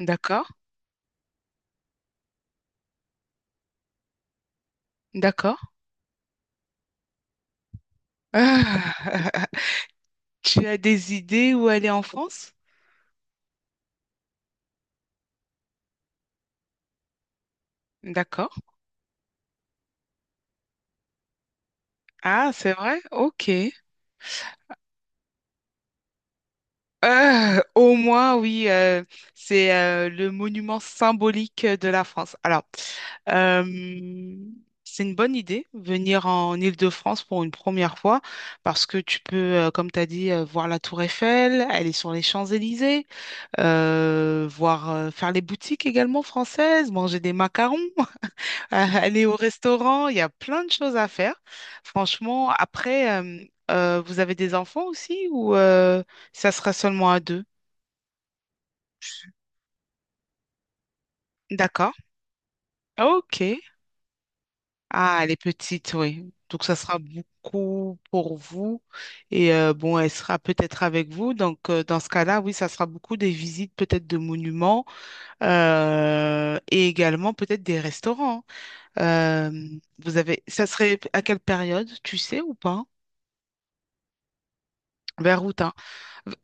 D'accord, d'accord. Ah, Tu as des idées où aller en France? D'accord. Ah, c'est vrai? Ok. Au moins, oui, c'est le monument symbolique de la France. Alors, euh, c'est une bonne idée, venir en Île-de-France pour une première fois, parce que tu peux, comme tu as dit, voir la Tour Eiffel, aller sur les Champs-Élysées, voir, faire les boutiques également françaises, manger des macarons. Aller au restaurant, il y a plein de choses à faire. Franchement, après, vous avez des enfants aussi ou ça sera seulement à deux? D'accord. Ok. Ah, elle est petite, oui. Donc, ça sera beaucoup pour vous. Et bon, elle sera peut-être avec vous. Donc, dans ce cas-là, oui, ça sera beaucoup des visites peut-être de monuments et également peut-être des restaurants. Euh, Vous avez, ça serait à quelle période, tu sais ou pas? Vers août, hein?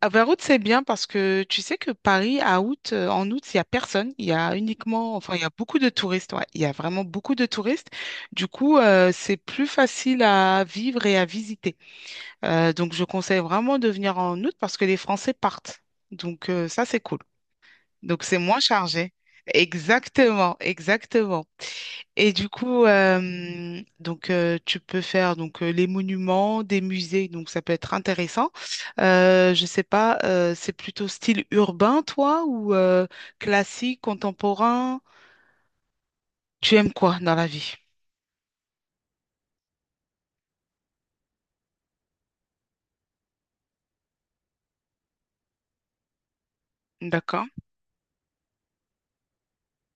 Ah, vers août, c'est bien parce que tu sais que Paris, à août, en août, il n'y a personne. Il y a uniquement, enfin, il y a beaucoup de touristes. Ouais. Il y a vraiment beaucoup de touristes. Du coup, c'est plus facile à vivre et à visiter. Donc, je conseille vraiment de venir en août parce que les Français partent. Donc, ça, c'est cool. Donc, c'est moins chargé. Exactement, exactement. Et du coup, donc tu peux faire donc les monuments, des musées, donc ça peut être intéressant. Je sais pas, c'est plutôt style urbain, toi, ou classique, contemporain? Tu aimes quoi dans la vie? D'accord,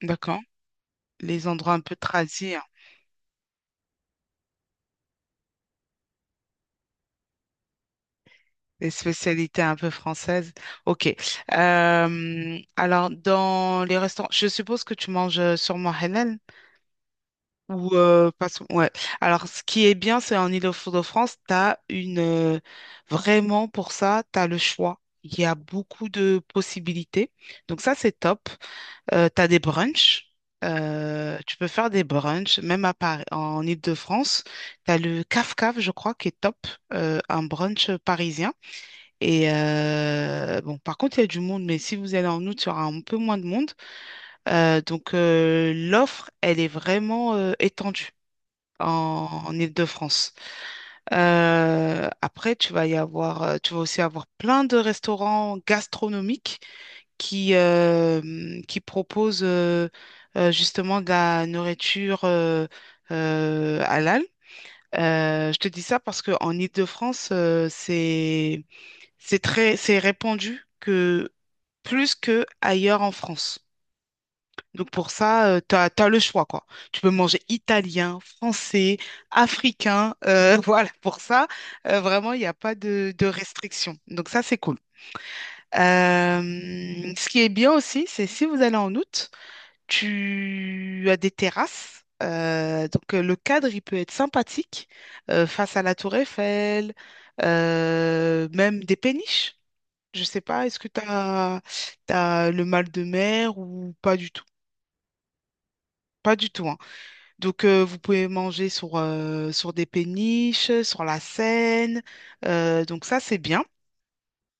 d'accord. Les endroits un peu tradis, hein, les spécialités un peu françaises. Ok. Alors dans les restaurants, je suppose que tu manges sûrement halal. Ou ouais. Alors, ce qui est bien, c'est en Île-de-France, tu as une vraiment pour ça, tu as le choix. Il y a beaucoup de possibilités. Donc ça, c'est top. Tu as des brunchs. Tu peux faire des brunchs, même à Paris, en Île-de-France. Tu as le Caf Caf, je crois, qui est top, un brunch parisien. Et bon, par contre, il y a du monde, mais si vous allez en août, il y aura un peu moins de monde. Donc, l'offre, elle est vraiment étendue en Île-de-France. Après, tu vas y avoir, tu vas aussi avoir plein de restaurants gastronomiques qui, euh, qui proposent justement de la nourriture halal. Je te dis ça parce qu'en Île-de-France, c'est très, c'est répandu que plus que ailleurs en France. Donc pour ça, tu as, le choix, quoi. Tu peux manger italien, français, africain. Voilà, pour ça, vraiment, il n'y a pas de restrictions. Donc ça, c'est cool. Euh, Ce qui est bien aussi, c'est si vous allez en août, tu as des terrasses. Donc le cadre, il peut être sympathique face à la tour Eiffel, même des péniches. Je sais pas, est-ce que tu as, le mal de mer ou pas du tout? Pas du tout, hein. Donc, vous pouvez manger sur des péniches, sur la Seine. Donc, ça, c'est bien.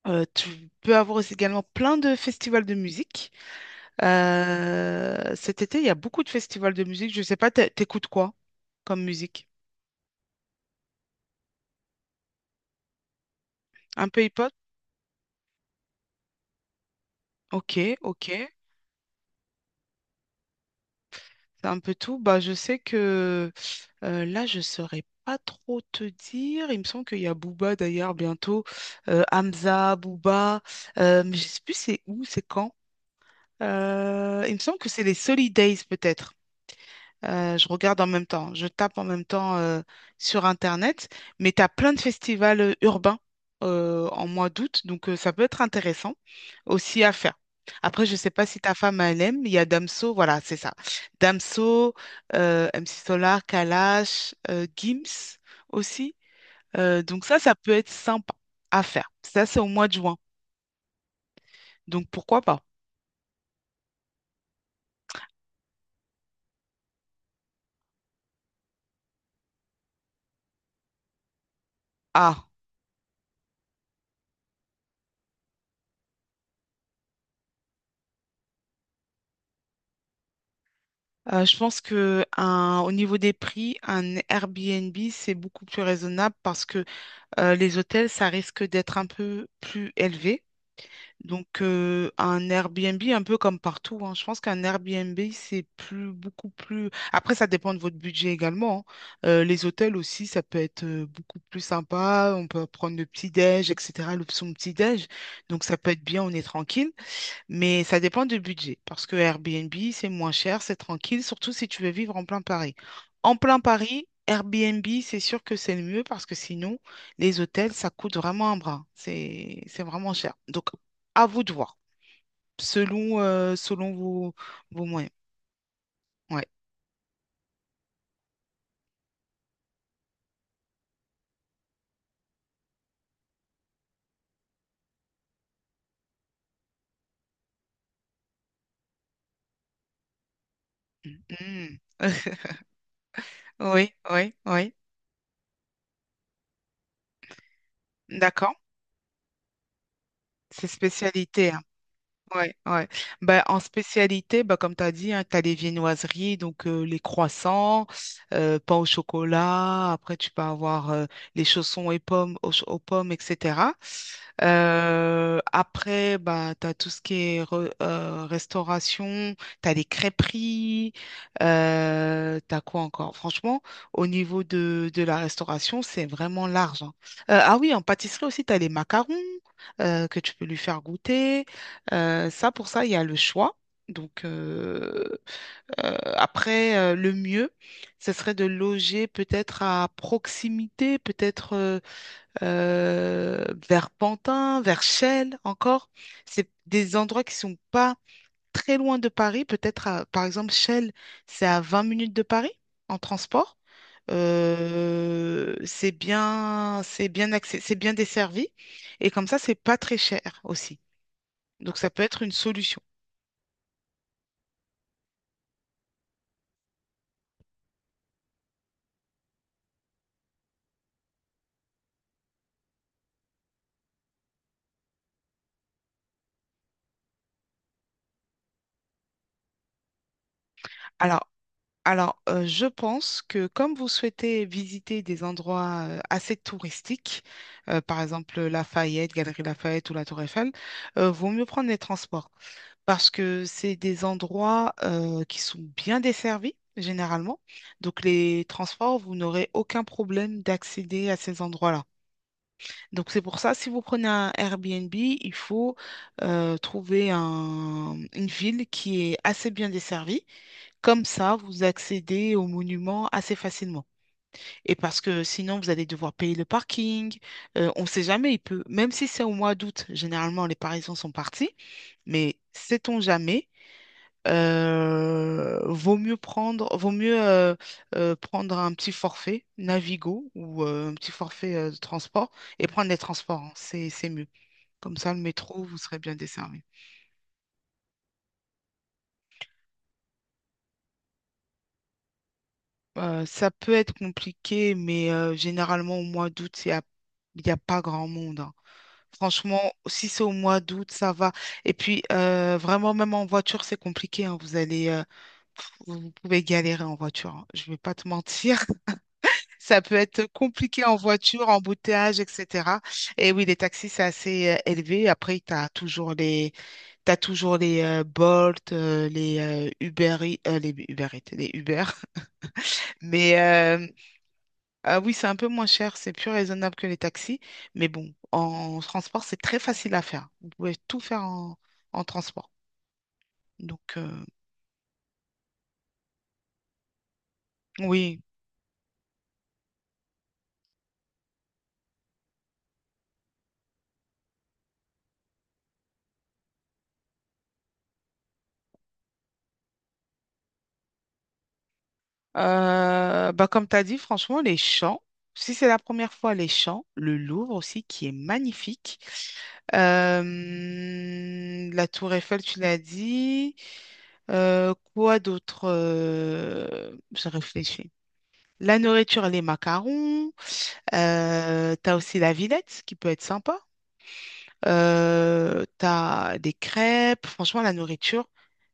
Tu peux avoir aussi également plein de festivals de musique. Cet été, il y a beaucoup de festivals de musique. Je ne sais pas, t'écoutes quoi comme musique? Un peu hip-hop? Ok, ok. C'est un peu tout. Bah, je sais que là, je ne saurais pas trop te dire. Il me semble qu'il y a Booba d'ailleurs bientôt. Hamza, Booba. Mais je ne sais plus c'est où, c'est quand. Il me semble que c'est les Solid Days peut-être. Je regarde en même temps, je tape en même temps sur Internet, mais tu as plein de festivals urbains en mois d'août, donc ça peut être intéressant aussi à faire. Après, je ne sais pas si ta femme elle aime, il y a Damso, voilà, c'est ça. Damso, MC Solar, Kalash, Gims aussi. Donc ça peut être sympa à faire. Ça, c'est au mois de juin, donc pourquoi pas? Ah. Je pense que au niveau des prix, un Airbnb, c'est beaucoup plus raisonnable parce que les hôtels, ça risque d'être un peu plus élevé. Donc, un Airbnb, un peu comme partout, hein, je pense qu'un Airbnb, c'est plus, beaucoup plus. Après, ça dépend de votre budget également. Hein. Les hôtels aussi, ça peut être beaucoup plus sympa. On peut prendre le petit-déj, etc., l'option petit-déj. Donc, ça peut être bien, on est tranquille. Mais ça dépend du budget, parce que Airbnb, c'est moins cher, c'est tranquille, surtout si tu veux vivre en plein Paris. En plein Paris, Airbnb, c'est sûr que c'est le mieux, parce que sinon, les hôtels, ça coûte vraiment un bras. C'est vraiment cher. Donc, à vous de voir, selon vos moyens. Ouais. Mm. Oui, oui, oui. D'accord. C'est spécialité. Hein. Ouais, ouais. Ben, en spécialité, ben, comme tu as dit, tu as les viennoiseries, donc les croissants, pain au chocolat. Après, tu peux avoir les chaussons et pommes aux pommes, etc. Après, ben, tu as tout ce qui est restauration, tu as les crêperies, tu as quoi encore? Franchement, au niveau de la restauration, c'est vraiment large. Hein. Ah oui, en pâtisserie aussi, tu as les macarons que tu peux lui faire goûter. Ça, pour ça, il y a le choix. Donc, après, le mieux, ce serait de loger peut-être à proximité, peut-être vers Pantin, vers Chelles encore. C'est des endroits qui sont pas très loin de Paris. Peut-être, par exemple, Chelles, c'est à 20 minutes de Paris en transport. C'est bien, c'est bien accès, c'est bien desservi. Et comme ça, c'est pas très cher aussi. Donc ça peut être une solution. Alors, alors, je pense que comme vous souhaitez visiter des endroits assez touristiques, par exemple Lafayette, Galerie Lafayette ou la Tour Eiffel, vaut mieux prendre les transports. Parce que c'est des endroits qui sont bien desservis généralement. Donc les transports, vous n'aurez aucun problème d'accéder à ces endroits-là. Donc c'est pour ça, si vous prenez un Airbnb, il faut trouver une ville qui est assez bien desservie. Comme ça, vous accédez aux monuments assez facilement. Et parce que sinon, vous allez devoir payer le parking. On ne sait jamais, il peut, même si c'est au mois d'août, généralement les Parisiens sont partis. Mais sait-on jamais, vaut mieux prendre un petit forfait Navigo ou un petit forfait de transport et prendre les transports. Hein. C'est mieux. Comme ça, le métro, vous serez bien desservi. Ça peut être compliqué, mais généralement au mois d'août, il y a pas grand monde. Hein. Franchement, si c'est au mois d'août, ça va. Et puis, vraiment, même en voiture, c'est compliqué. Hein. Vous allez, vous pouvez galérer en voiture. Hein. Je ne vais pas te mentir. Ça peut être compliqué en voiture, embouteillage, etc. Et oui, les taxis, c'est assez élevé. Après, tu as toujours les, t'as toujours les Bolt, les Uber, les Uber, Eats, les Uber. Mais ah oui, c'est un peu moins cher, c'est plus raisonnable que les taxis. Mais bon, en transport, c'est très facile à faire. Vous pouvez tout faire en transport. Donc, oui. Bah, comme tu as dit, franchement, les champs. Si c'est la première fois, les champs, le Louvre aussi, qui est magnifique. La tour Eiffel, tu l'as dit. Quoi d'autre? Je réfléchis. La nourriture, les macarons. T'as aussi la Villette qui peut être sympa. T'as des crêpes. Franchement, la nourriture.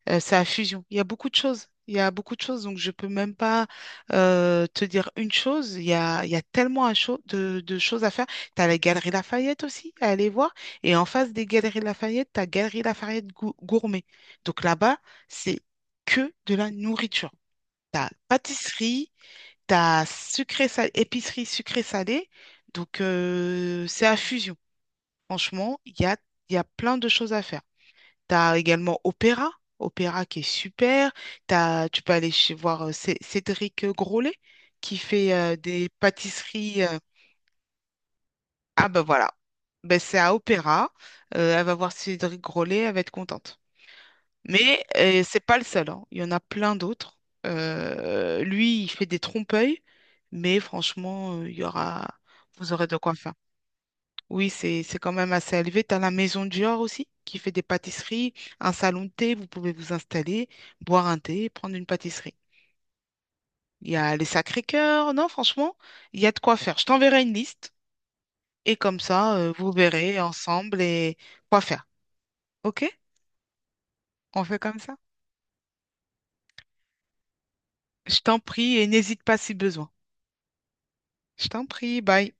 C'est la fusion. Il y a beaucoup de choses. Il y a beaucoup de choses, donc je peux même pas te dire une chose. Il y a tellement à de choses à faire. Tu as la Galerie Lafayette aussi à aller voir. Et en face des Galeries Lafayette, tu as Galerie Lafayette Gourmet. Donc là-bas, c'est que de la nourriture. T'as pâtisserie, t'as as sucré salé, épicerie sucré salée. Donc c'est à fusion. Franchement, il y a plein de choses à faire. T'as également Opéra qui est super. Tu peux aller voir Cédric Grolet qui fait des pâtisseries. Ah ben voilà, ben, c'est à Opéra. Elle va voir Cédric Grolet, elle va être contente. Mais c'est pas le seul, hein. Il y en a plein d'autres. Lui, il fait des trompe-l'œil, mais franchement, vous aurez de quoi faire. Oui, c'est quand même assez élevé. Tu as la maison Dior aussi qui fait des pâtisseries, un salon de thé, vous pouvez vous installer, boire un thé, prendre une pâtisserie. Il y a les Sacré-Cœur, non, franchement, il y a de quoi faire. Je t'enverrai une liste et comme ça, vous verrez ensemble et quoi faire. OK? On fait comme ça? Je t'en prie et n'hésite pas si besoin. Je t'en prie, bye.